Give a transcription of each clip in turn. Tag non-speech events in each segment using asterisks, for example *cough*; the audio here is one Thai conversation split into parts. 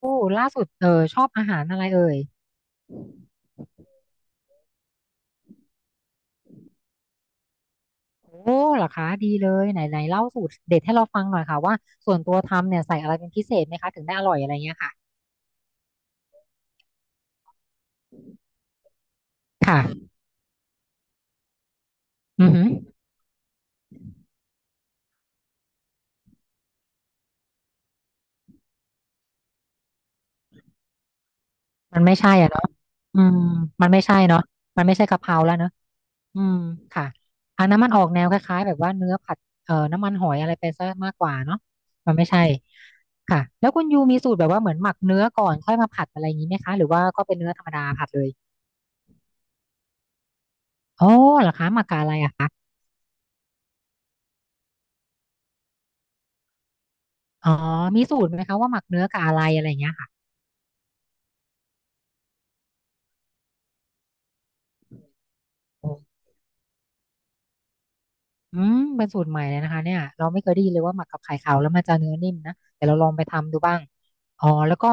โอ้ล่าสุดชอบอาหารอะไรเอ่ยโอ้เหรอคะดีเลยไหนไหนเล่าสูตรเด็ดให้เราฟังหน่อยค่ะว่าส่วนตัวทำเนี่ยใส่อะไรเป็นพิเศษไหมคะถึงได้อร่อยอะไรเงี้ยค่ะค่ะอือหือมันไม่ใช่อ่ะเนาะอืมมันไม่ใช่เนาะมันไม่ใช่กะเพราแล้วเนาะอืมค่ะอันนั้นมันออกแนวคล้ายๆแบบว่าเนื้อผัดน้ำมันหอยอะไรไปซะมากกว่าเนาะมันไม่ใช่ค่ะแล้วคุณยูมีสูตรแบบว่าเหมือนหมักเนื้อก่อนค่อยมาผัดอะไรอย่างนี้ไหมคะหรือว่าก็เป็นเนื้อธรรมดาผัดเลยโอ้เหรอคะหมักกับอะไรอะคะ อ๋อมีสูตรไหมคะว่าหมักเนื้อกับอะไรอะไรอย่างเงี้ยค่ะโอ้อืมเป็นสูตรใหม่เลยนะคะเนี่ยเราไม่เคยได้ยินเลยว่าหมักกับไข่ขาวแล้วมันจะเนื้อนิ่มนะเดี๋ยวเราลองไปทำดูบ้างอ๋อแล้วก็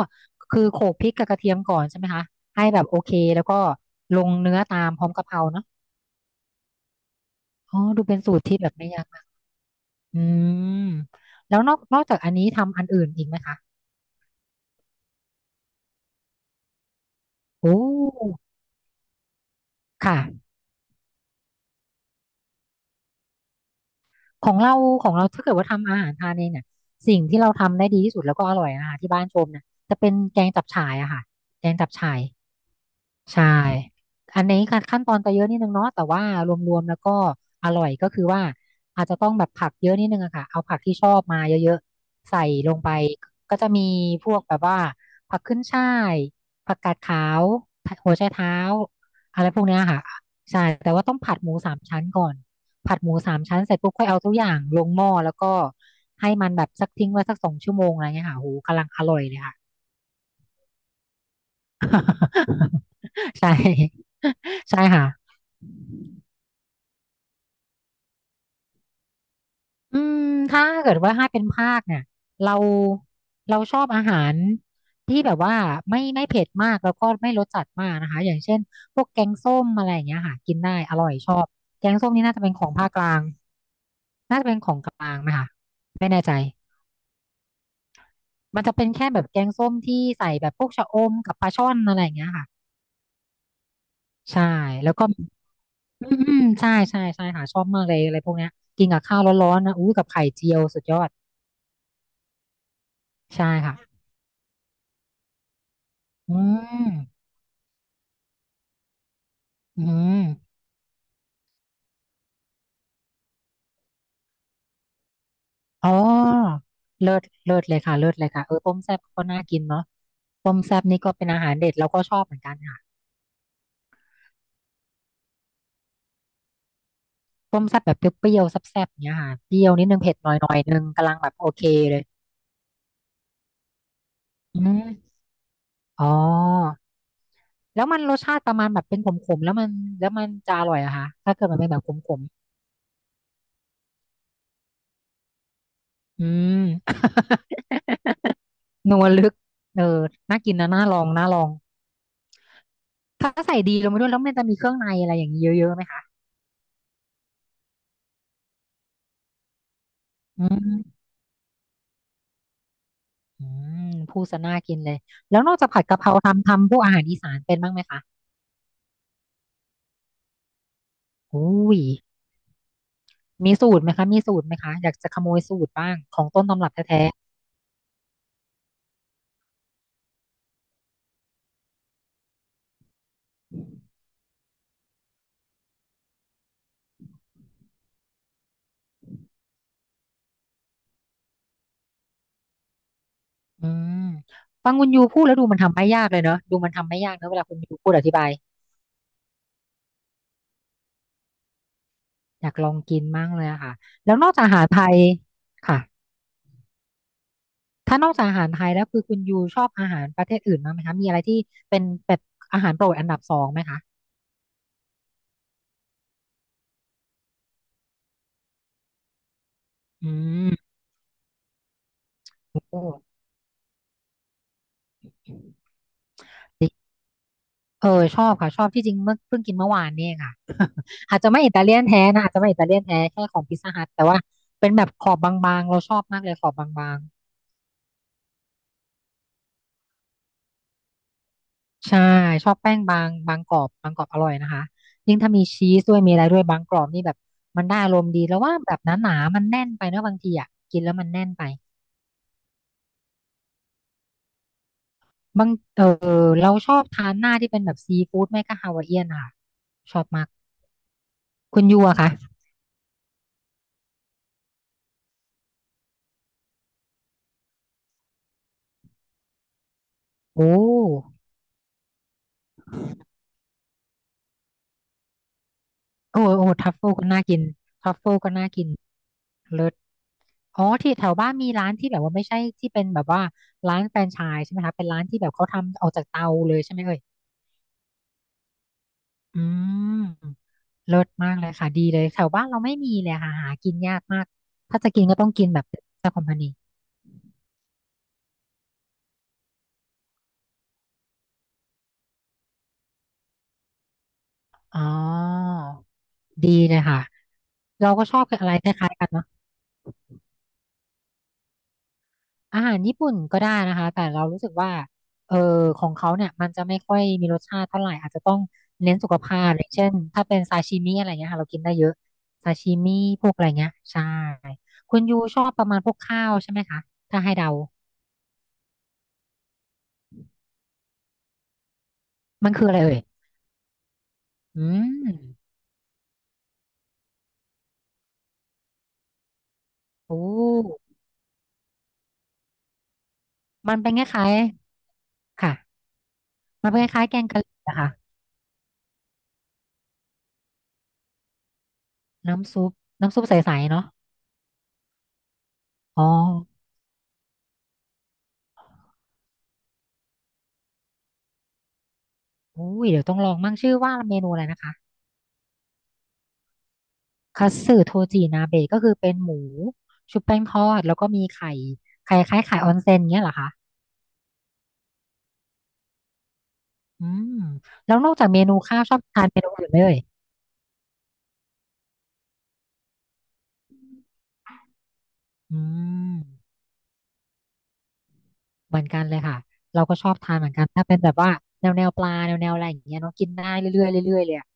คือโขลกพริกกับกระเทียมก่อนใช่ไหมคะให้แบบโอเคแล้วก็ลงเนื้อตามพร้อมกะเพราเนาะอ๋อดูเป็นสูตรที่แบบไม่ยากมากอืมแล้วนอกจากอันนี้ทำอันอื่นอีกไหมคะโอ้ค่ะ ของเราของเราถ้าเกิดว่าทำอาหารทานเองเนี่ยสิ่งที่เราทำได้ดีที่สุดแล้วก็อร่อยอาหารที่บ้านชมนะจะเป็นแกงจับฉ่ายอะค่ะแกงจับฉ่าย ใช่อันนี้การขั้นตอนจะเยอะนิดนึงเนาะแต่ว่ารวมๆแล้วก็อร่อยก็คือว่าอาจจะต้องแบบผักเยอะนิดนึงอะค่ะเอาผักที่ชอบมาเยอะๆใส่ลงไปก็จะมีพวกแบบว่าผักขึ้นฉ่ายผักกาดขาวหัวไชเท้าอะไรพวกเนี้ยค่ะใช่แต่ว่าต้องผัดหมูสามชั้นก่อนผัดหมูสามชั้นเสร็จปุ๊บค่อยเอาทุกอย่างลงหม้อแล้วก็ให้มันแบบสักทิ้งไว้สักสองชั่วโมงอะไรเงี้ยค่ะโหกำลังอร่อยเลยค่ะ *laughs* ใช่ใช่ค่ะ อืมถ้าเกิดว่าให้เป็นภาคเนี่ยเราเราชอบอาหารที่แบบว่าไม่เผ็ดมากแล้วก็ไม่รสจัดมากนะคะอย่างเช่นพวกแกงส้มอะไรอย่างเงี้ยค่ะกินได้อร่อยชอบแกงส้มนี่น่าจะเป็นของภาคกลางน่าจะเป็นของกลางไหมคะไม่แน่ใจมันจะเป็นแค่แบบแกงส้มที่ใส่แบบพวกชะอมกับปลาช่อนอะไรอย่างเงี้ยค่ะใช่แล้วก็อืมอืมใช่ใช่ใช่ค่ะชอบมากเลยอะไรพวกเนี้ยกินกับข้าวร้อนๆนะอู้กับไข่เจียวสุดยอดใช่ค่ะอืม อืมอ๋อเลิศเลิศเลยค่ะเลิศเลยค่ะเออต้มแซ่บก็น่ากินเนาะต้มแซ่บนี่ก็เป็นอาหารเด็ดเราก็ชอบเหมือนกันค่ะต้มแซ่บแบบเปรี้ยวๆแซ่บๆอย่างเนี้ยค่ะเปรี้ยวนิดนึงเผ็ดหน่อยหน่อยนึงกำลังแบบโอเคเลยอืมอ๋อแล้วมันรสชาติประมาณแบบเป็นขมๆแล้วมันแล้วมันจะอร่อยเหรอะคะถ้าเกิดมันเป็นแบบขมๆอืม *laughs* นัวลึกเออน่ากินนะน่าลองน่าลองถ้าใส่ดีลงไปด้วยแล้วมันจะมีเครื่องในอะไรอย่างนี้เยอะๆไหมคะอืม อืมพูดซะน่ากินเลยแล้วนอกจากผัดกะเพราทำพวกอาหารอีสานเป็นบ้างไหมคะอุ้ยมีสูตรไหมคะมีสูตรไหมคะอยากจะขโมยสูตรบ้างของต้นตำรับแท้ๆอืมฟังคุณยูพูดแล้วดูมันทำไม่ยากเลยเนอะดูมันทำไม่ยากเนอะเวลาคุณยูพูดอธิบายอยากลองกินมากเลยอะค่ะแล้วนอกจากอาหารไทยค่ะถ้านอกจากอาหารไทยแล้วคือคุณยูชอบอาหารประเทศอื่นบ้างไหมคะมีอะไรที่เป็นแบบอาหารโปรดอันดับสองไหมคะอืมโอ้เออชอบค่ะชอบที่จริงเมื่อเพิ่งกินเมื่อวานเนี่ยค่ะ อาจจะไม่อิตาเลียนแท้นะอาจจะไม่อิตาเลียนแท้แค่ของพิซซ่าฮัทแต่ว่าเป็นแบบขอบบางๆเราชอบมากเลยขอบบางๆใช่ชอบแป้งบางบางกรอบบางกรอบอร่อยนะคะยิ่งถ้ามีชีสด้วยมีอะไรด้วยบางกรอบนี่แบบมันได้อารมณ์ดีแล้วว่าแบบหนาๆมันแน่นไปเนอะบางทีอ่ะกินแล้วมันแน่นไปบางเออเราชอบทานหน้าที่เป็นแบบซีฟู้ดไม่ก็ฮาวายเอียนค่ะชอบมากคุณยูอะค่ะโอ้โอ้ทัฟเฟิลก็น่ากินทัฟเฟิลก็น่ากินเลิศ อ๋อที่แถวบ้านมีร้านที่แบบว่าไม่ใช่ที่เป็นแบบว่าร้านแฟรนไชส์ใช่ไหมคะเป็นร้านที่แบบเขาทำออกจากเตาเลยใช่ไหมเอ่ยอืมเลิศมากเลยค่ะดีเลยแถวบ้านเราไม่มีเลยค่ะหากินยากมากถ้าจะกินก็ต้องกินแบบเจ้าคอมพานีอ๋อดีเลยค่ะเราก็ชอบอะไรคล้ายๆกันเนาะ อาหารญี่ปุ่นก็ได้นะคะแต่เรารู้สึกว่าเออของเขาเนี่ยมันจะไม่ค่อยมีรสชาติเท่าไหร่อาจจะต้องเน้นสุขภาพอย่างเช่นถ้าเป็นซาชิมิอะไรเงี้ยค่ะเรากินได้เยอะซาชิมิพวกอะไรเงี้ยใช่คุณยูชอบประมาณพวกข้าวใช่ไหมคะถ้าให้เดามันคืออะไรเอ่ยอืมโอ้มันเป็นคล้ายๆค่ะมันเป็นคล้ายๆแกงกะหรี่อะค่ะน้ำซุปน้ำซุปใสๆเนาะอ๋ออุ้ยเดี๋ยวต้องลองมั่งชื่อว่าเมนูอะไรนะคะ คัตสึโทจินาเบะก็คือเป็นหมูชุบแป้งทอดแล้วก็มีไข่ไข่คล้ายไข่ออนเซ็นเงี้ยเหรอคะอืมแล้วนอกจากเมนูข้าวชอบทานเมนูอื่นไหมเอ่ยอืมเหมือนกันเลยค่ะเราก็ชอบทานเหมือนกันถ้าเป็นแบบว่าแนวปลาแนวอะไรอย่างเงี้ยเนาะกินได้เรื่อยๆเรื่อยๆเลยอะ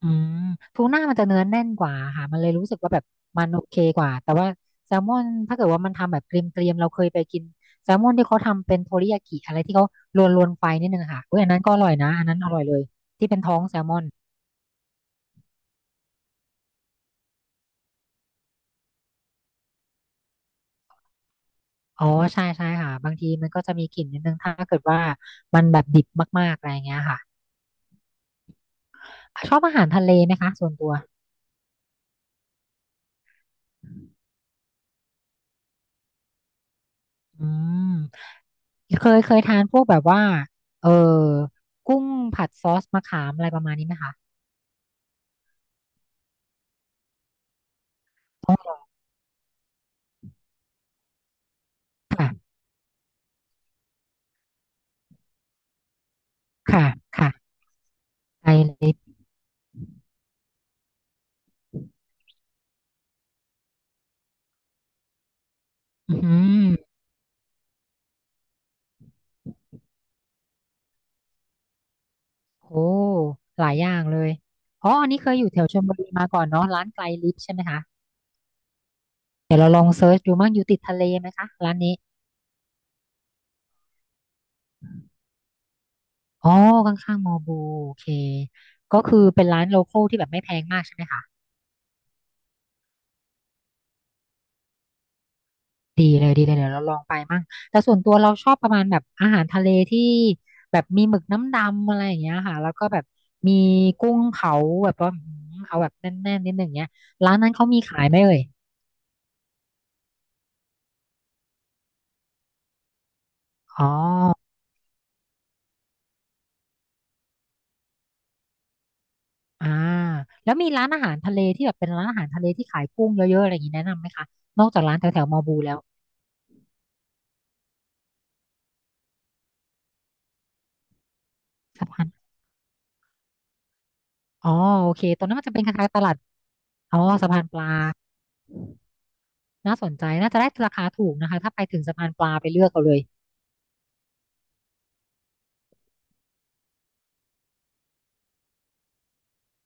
อืมทูน่ามันจะเนื้อแน่นกว่าค่ะมันเลยรู้สึกว่าแบบมันโอเคกว่าแต่ว่าแซลมอนถ้าเกิดว่ามันทำแบบเกรียมๆเราเคยไปกินแซลมอนที่เขาทำเป็นโทริยากิอะไรที่เขาลวนๆไฟนิดนึงอะค่ะอุ้ยอันนั้นก็อร่อยนะอันนั้นอร่อยเลยที่เป็นท้องแซลมอนอ๋อใช่ใช่ค่ะบางทีมันก็จะมีกลิ่นนิดนึงถ้าเกิดว่ามันแบบดิบมากๆอะไรอย่างเงี้ยค่ะชอบอาหารทะเลไหมคะส่วนตัวอืมเคยทานพวกแบบว่าเออกุ้งผัดซอสมะขามอะไรประมาณนี้ไหมคะค่ะ ค่ะค่ะไทยลิสต์อืมโอ้หลายอย่างเลยอ๋ออันนี้เคยอยู่แถวชลบุรีมาก่อนเนาะร้านไกลลิสต์ใช่ไหมคะเดี๋ยวเราลองเซิร์ชดูมั่งอยู่ติดทะเลไหมคะร้านนี้อ๋อข้างๆมอบูโอเคก็คือเป็นร้านโลคอลที่แบบไม่แพงมากใช่ไหมคะ ดีเลยดีเลยเดี๋ยวเราลองไปมั่งแต่ส่วนตัวเราชอบประมาณแบบอาหารทะเลที่แบบมีหมึกน้ำดำอะไรอย่างเงี้ยค่ะแล้วก็แบบมีกุ้งเผาแบบว่าอืมเอาแบบแน่นๆนิดหนึ่งเงี้ยร้านนั้นเขามีขายไหมเอ่ยอ๋อ อ่าแล้วมีร้านอาหารทะเลที่แบบเป็นร้านอาหารทะเลที่ขายกุ้งเยอะๆอะไรอย่างนี้แนะนำไหมคะสะพานอ๋อโอเคตรงนั้นมันจะเป็นคล้ายๆตลาดอ๋อสะพานปลาน่าสนใจน่าจะได้ราคาถูกนะคะถ้าไปถึงสะพานปลาไปเลือกเอาเลย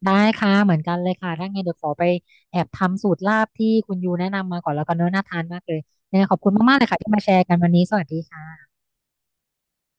ได้ค่ะเหมือนกันเลยค่ะถ้าไงเดี๋ยวขอไปแอบทำสูตรลาบที่คุณยูแนะนำมาก่อนแล้วกันเนอะน่าทานมากเลยเนี่ยงไงขอบคุณมากๆเลยค่ะที่มาแชร์กันวันนี้สวัสดีค่ะ